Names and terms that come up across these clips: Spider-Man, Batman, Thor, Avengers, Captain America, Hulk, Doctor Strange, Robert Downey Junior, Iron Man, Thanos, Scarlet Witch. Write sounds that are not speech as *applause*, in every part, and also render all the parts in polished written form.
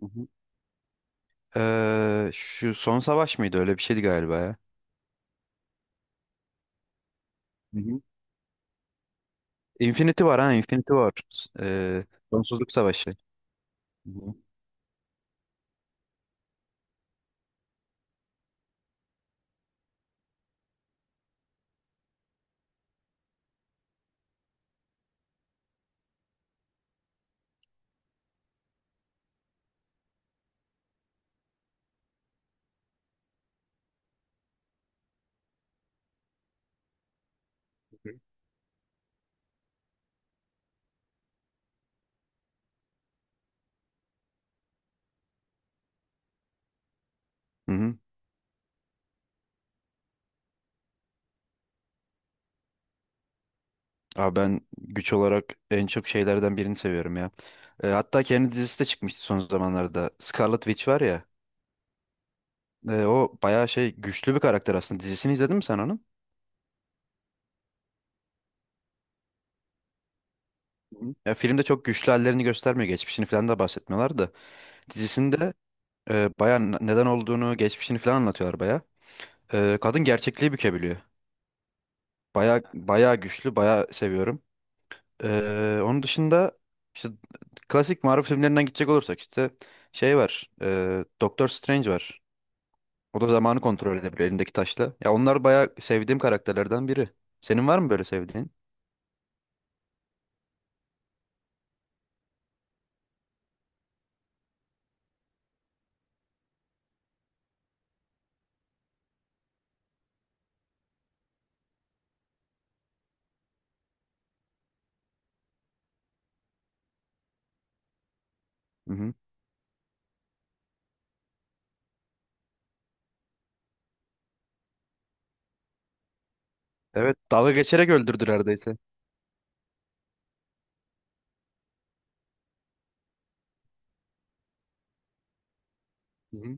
Hı hı. Şu son savaş mıydı? Öyle bir şeydi galiba ya. Hı hı. Infinity var ha, Infinity var. Ee, Sonsuzluk savaşı. Hı hı. Hı hı. Abi ben güç olarak en çok şeylerden birini seviyorum ya. Hatta kendi dizisi de çıkmıştı son zamanlarda. Scarlet Witch var ya. O bayağı şey güçlü bir karakter aslında. Dizisini izledin mi sen onun? Hı. Ya filmde çok güçlü hallerini göstermiyor. Geçmişini falan da bahsetmiyorlar da. Dizisinde bayağı neden olduğunu, geçmişini falan anlatıyorlar bayağı. Kadın gerçekliği bükebiliyor. Bayağı bayağı güçlü, bayağı seviyorum. Onun dışında işte klasik Marvel filmlerinden gidecek olursak işte şey var. Doctor Strange var. O da zamanı kontrol edebiliyor elindeki taşla. Ya onlar bayağı sevdiğim karakterlerden biri. Senin var mı böyle sevdiğin? Evet, dalga geçerek öldürdü neredeyse. Hı hı.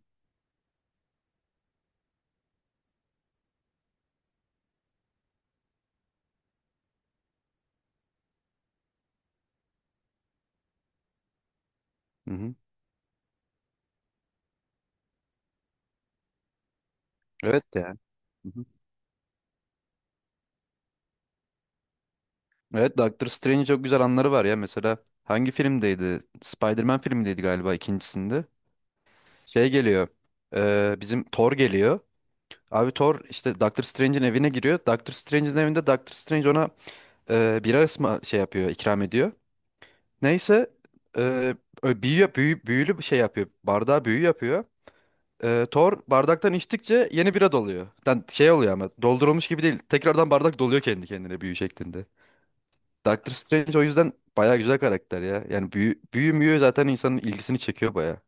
Hı hı. Evet ya. Hı hı. Evet, Doctor Strange çok güzel anları var ya. Mesela hangi filmdeydi? Spider-Man filmindeydi galiba ikincisinde. Şey geliyor. Bizim Thor geliyor. Abi Thor işte Doctor Strange'in evine giriyor. Doctor Strange'in evinde Doctor Strange ona bira ısma şey yapıyor, ikram ediyor. Neyse e, büyülü bir şey yapıyor. Bardağa büyü yapıyor. Thor bardaktan içtikçe yeni bira doluyor. Yani şey oluyor ama doldurulmuş gibi değil. Tekrardan bardak doluyor kendi kendine büyü şeklinde. Doctor Strange o yüzden bayağı güzel karakter ya. Yani büyü müyü zaten insanın ilgisini çekiyor bayağı.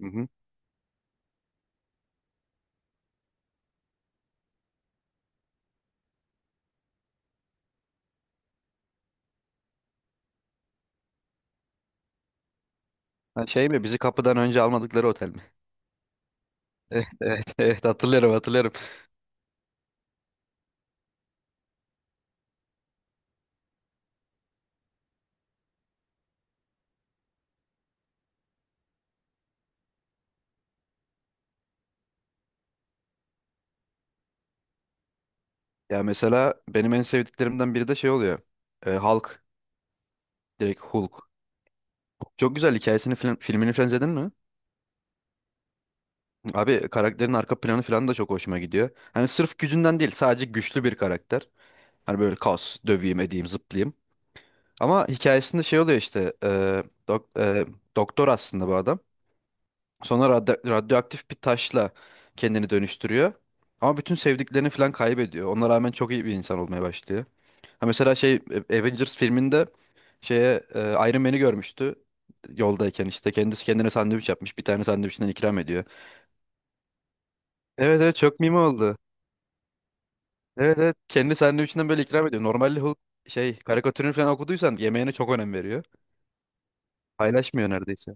Hı hı. Ha, şey mi bizi kapıdan önce almadıkları otel mi? *laughs* Evet, evet, evet, hatırlıyorum. Ya mesela benim en sevdiklerimden biri de şey oluyor. Hulk. Direkt Hulk. Çok güzel hikayesini filmini falan izledin mi? Abi karakterin arka planı falan da çok hoşuma gidiyor. Hani sırf gücünden değil sadece güçlü bir karakter. Hani böyle kaos, döveyim, edeyim, zıplayayım. Ama hikayesinde şey oluyor işte dok- e, doktor aslında bu adam. Sonra radyoaktif bir taşla kendini dönüştürüyor. Ama bütün sevdiklerini falan kaybediyor. Ona rağmen çok iyi bir insan olmaya başlıyor. Ha, mesela şey Avengers filminde şeye Iron Man'i görmüştü yoldayken işte kendisi kendine sandviç yapmış. Bir tane sandviçinden ikram ediyor. Evet, evet, çok meme oldu. Evet, evet, kendi sandviçinden böyle ikram ediyor. Normalde Hulk şey karikatürünü falan okuduysan yemeğine çok önem veriyor. Paylaşmıyor neredeyse.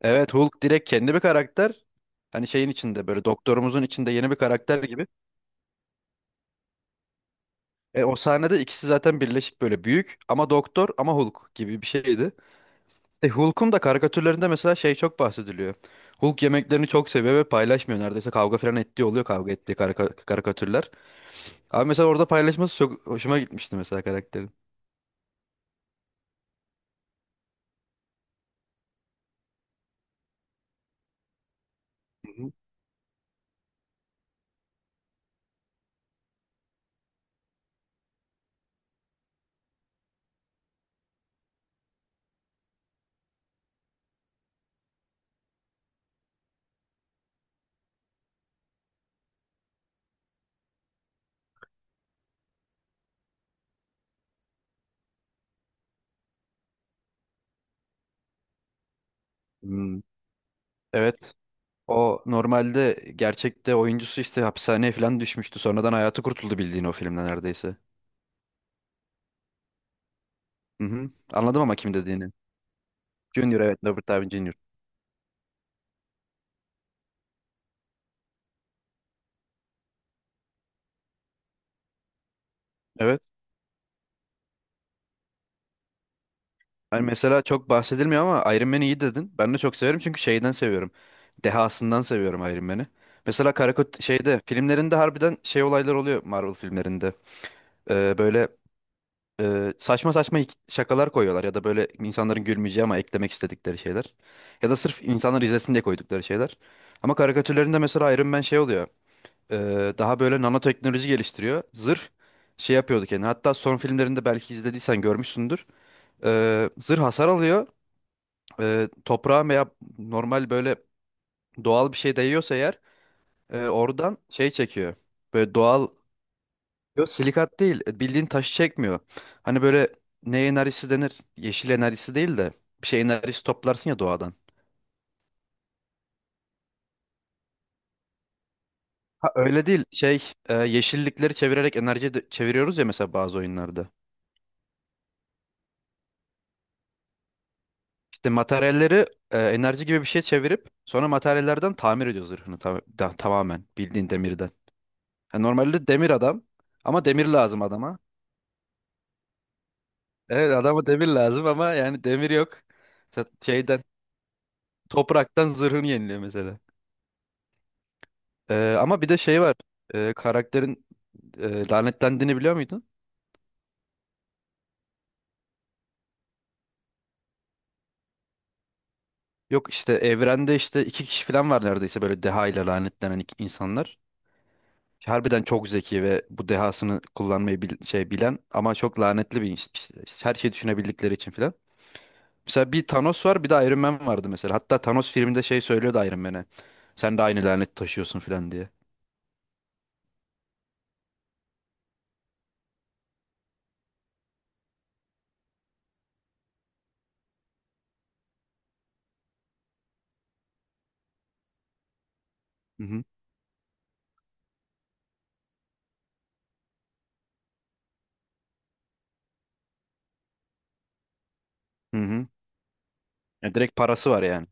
Evet, Hulk direkt kendi bir karakter. Hani şeyin içinde böyle doktorumuzun içinde yeni bir karakter gibi. E, o sahnede ikisi zaten birleşik böyle büyük ama doktor ama Hulk gibi bir şeydi. E, Hulk'un da karikatürlerinde mesela şey çok bahsediliyor. Hulk yemeklerini çok seviyor ve paylaşmıyor neredeyse, kavga falan ettiği oluyor, kavga ettiği karikatürler. Abi mesela orada paylaşması çok hoşuma gitmişti mesela karakterin. Hı hı. Hmm. Evet. O normalde gerçekte oyuncusu işte hapishaneye falan düşmüştü. Sonradan hayatı kurtuldu bildiğin o filmden neredeyse. Hı hı. Anladım ama kim dediğini. Junior, evet, Robert Downey Junior. Evet. Hani mesela çok bahsedilmiyor ama Iron Man'i iyi dedin. Ben de çok severim çünkü şeyden seviyorum. Dehasından seviyorum Iron Man'i. Mesela Karakut şeyde filmlerinde harbiden şey olaylar oluyor Marvel filmlerinde. Böyle saçma saçma şakalar koyuyorlar ya da böyle insanların gülmeyeceği ama eklemek istedikleri şeyler. Ya da sırf insanlar izlesin diye koydukları şeyler. Ama karikatürlerinde mesela Iron Man şey oluyor. Daha böyle nanoteknoloji geliştiriyor. Zırh şey yapıyordu kendine. Hatta son filmlerinde belki izlediysen görmüşsündür. Zırh hasar alıyor. Toprağa veya normal böyle doğal bir şey değiyorsa eğer oradan şey çekiyor. Böyle doğal. Yok, silikat değil. Bildiğin taşı çekmiyor. Hani böyle ne enerjisi denir? Yeşil enerjisi değil de bir şey enerjisi toplarsın ya doğadan. Ha, öyle değil. Şey yeşillikleri çevirerek enerji çeviriyoruz ya mesela bazı oyunlarda. İşte materyalleri enerji gibi bir şey çevirip sonra materyallerden tamir ediyor zırhını tamamen bildiğin demirden. Ha, normalde demir adam ama demir lazım adama. Evet, adama demir lazım ama yani demir yok. Mesela şeyden, topraktan zırhını yeniliyor mesela. E, ama bir de şey var. E, karakterin lanetlendiğini biliyor muydun? Yok, işte evrende işte iki kişi falan var neredeyse böyle deha ile lanetlenen insanlar. Harbiden çok zeki ve bu dehasını kullanmayı şey bilen ama çok lanetli bir iş. İşte işte, her şeyi düşünebildikleri için filan. Mesela bir Thanos var bir de Iron Man vardı mesela. Hatta Thanos filminde şey söylüyordu Iron Man'e. Sen de aynı lanet taşıyorsun filan diye. Hı hı. Hı hı. Ya direkt parası var yani.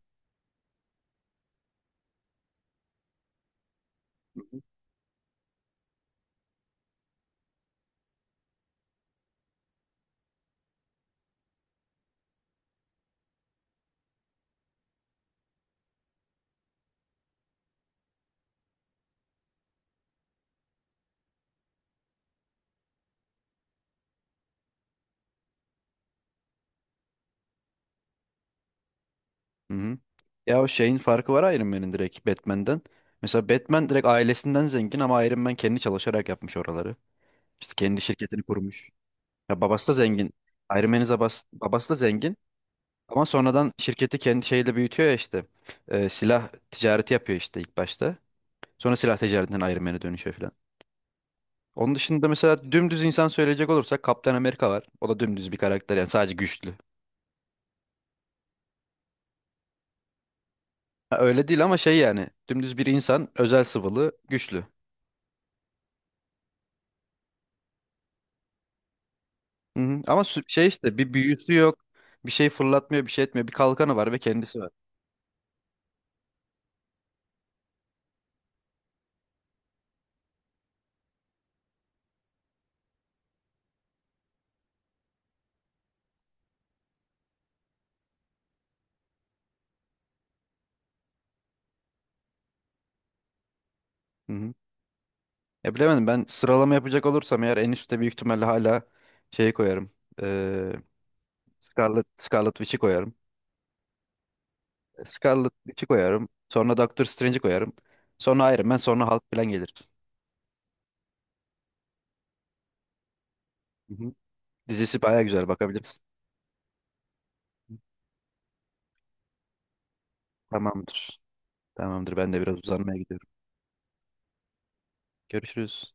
Hı hı. Ya o şeyin farkı var Iron Man'in direkt Batman'den. Mesela Batman direkt ailesinden zengin ama Iron Man kendi çalışarak yapmış oraları. İşte kendi şirketini kurmuş. Ya babası da zengin. Iron Man'in babası da zengin. Ama sonradan şirketi kendi şeyle büyütüyor ya işte. Silah ticareti yapıyor işte ilk başta. Sonra silah ticaretinden Iron Man'e dönüşüyor falan. Onun dışında mesela dümdüz insan söyleyecek olursak Kaptan Amerika var. O da dümdüz bir karakter yani sadece güçlü. Ha, öyle değil ama şey yani dümdüz bir insan özel sıvılı güçlü. Hı hı. Ama şey işte bir büyüsü yok. Bir şey fırlatmıyor, bir şey etmiyor. Bir kalkanı var ve kendisi var. Hı hı. Ya bilemedim, ben sıralama yapacak olursam eğer en üstte büyük ihtimalle hala şeyi koyarım. Ee, Scarlet Witch'i koyarım. Scarlet Witch'i koyarım. Sonra Doctor Strange'i koyarım. Sonra Iron Man, sonra Hulk falan gelir. Hı hı. Dizisi baya güzel, bakabiliriz. Tamamdır. Tamamdır. Ben de biraz uzanmaya gidiyorum. Görüşürüz.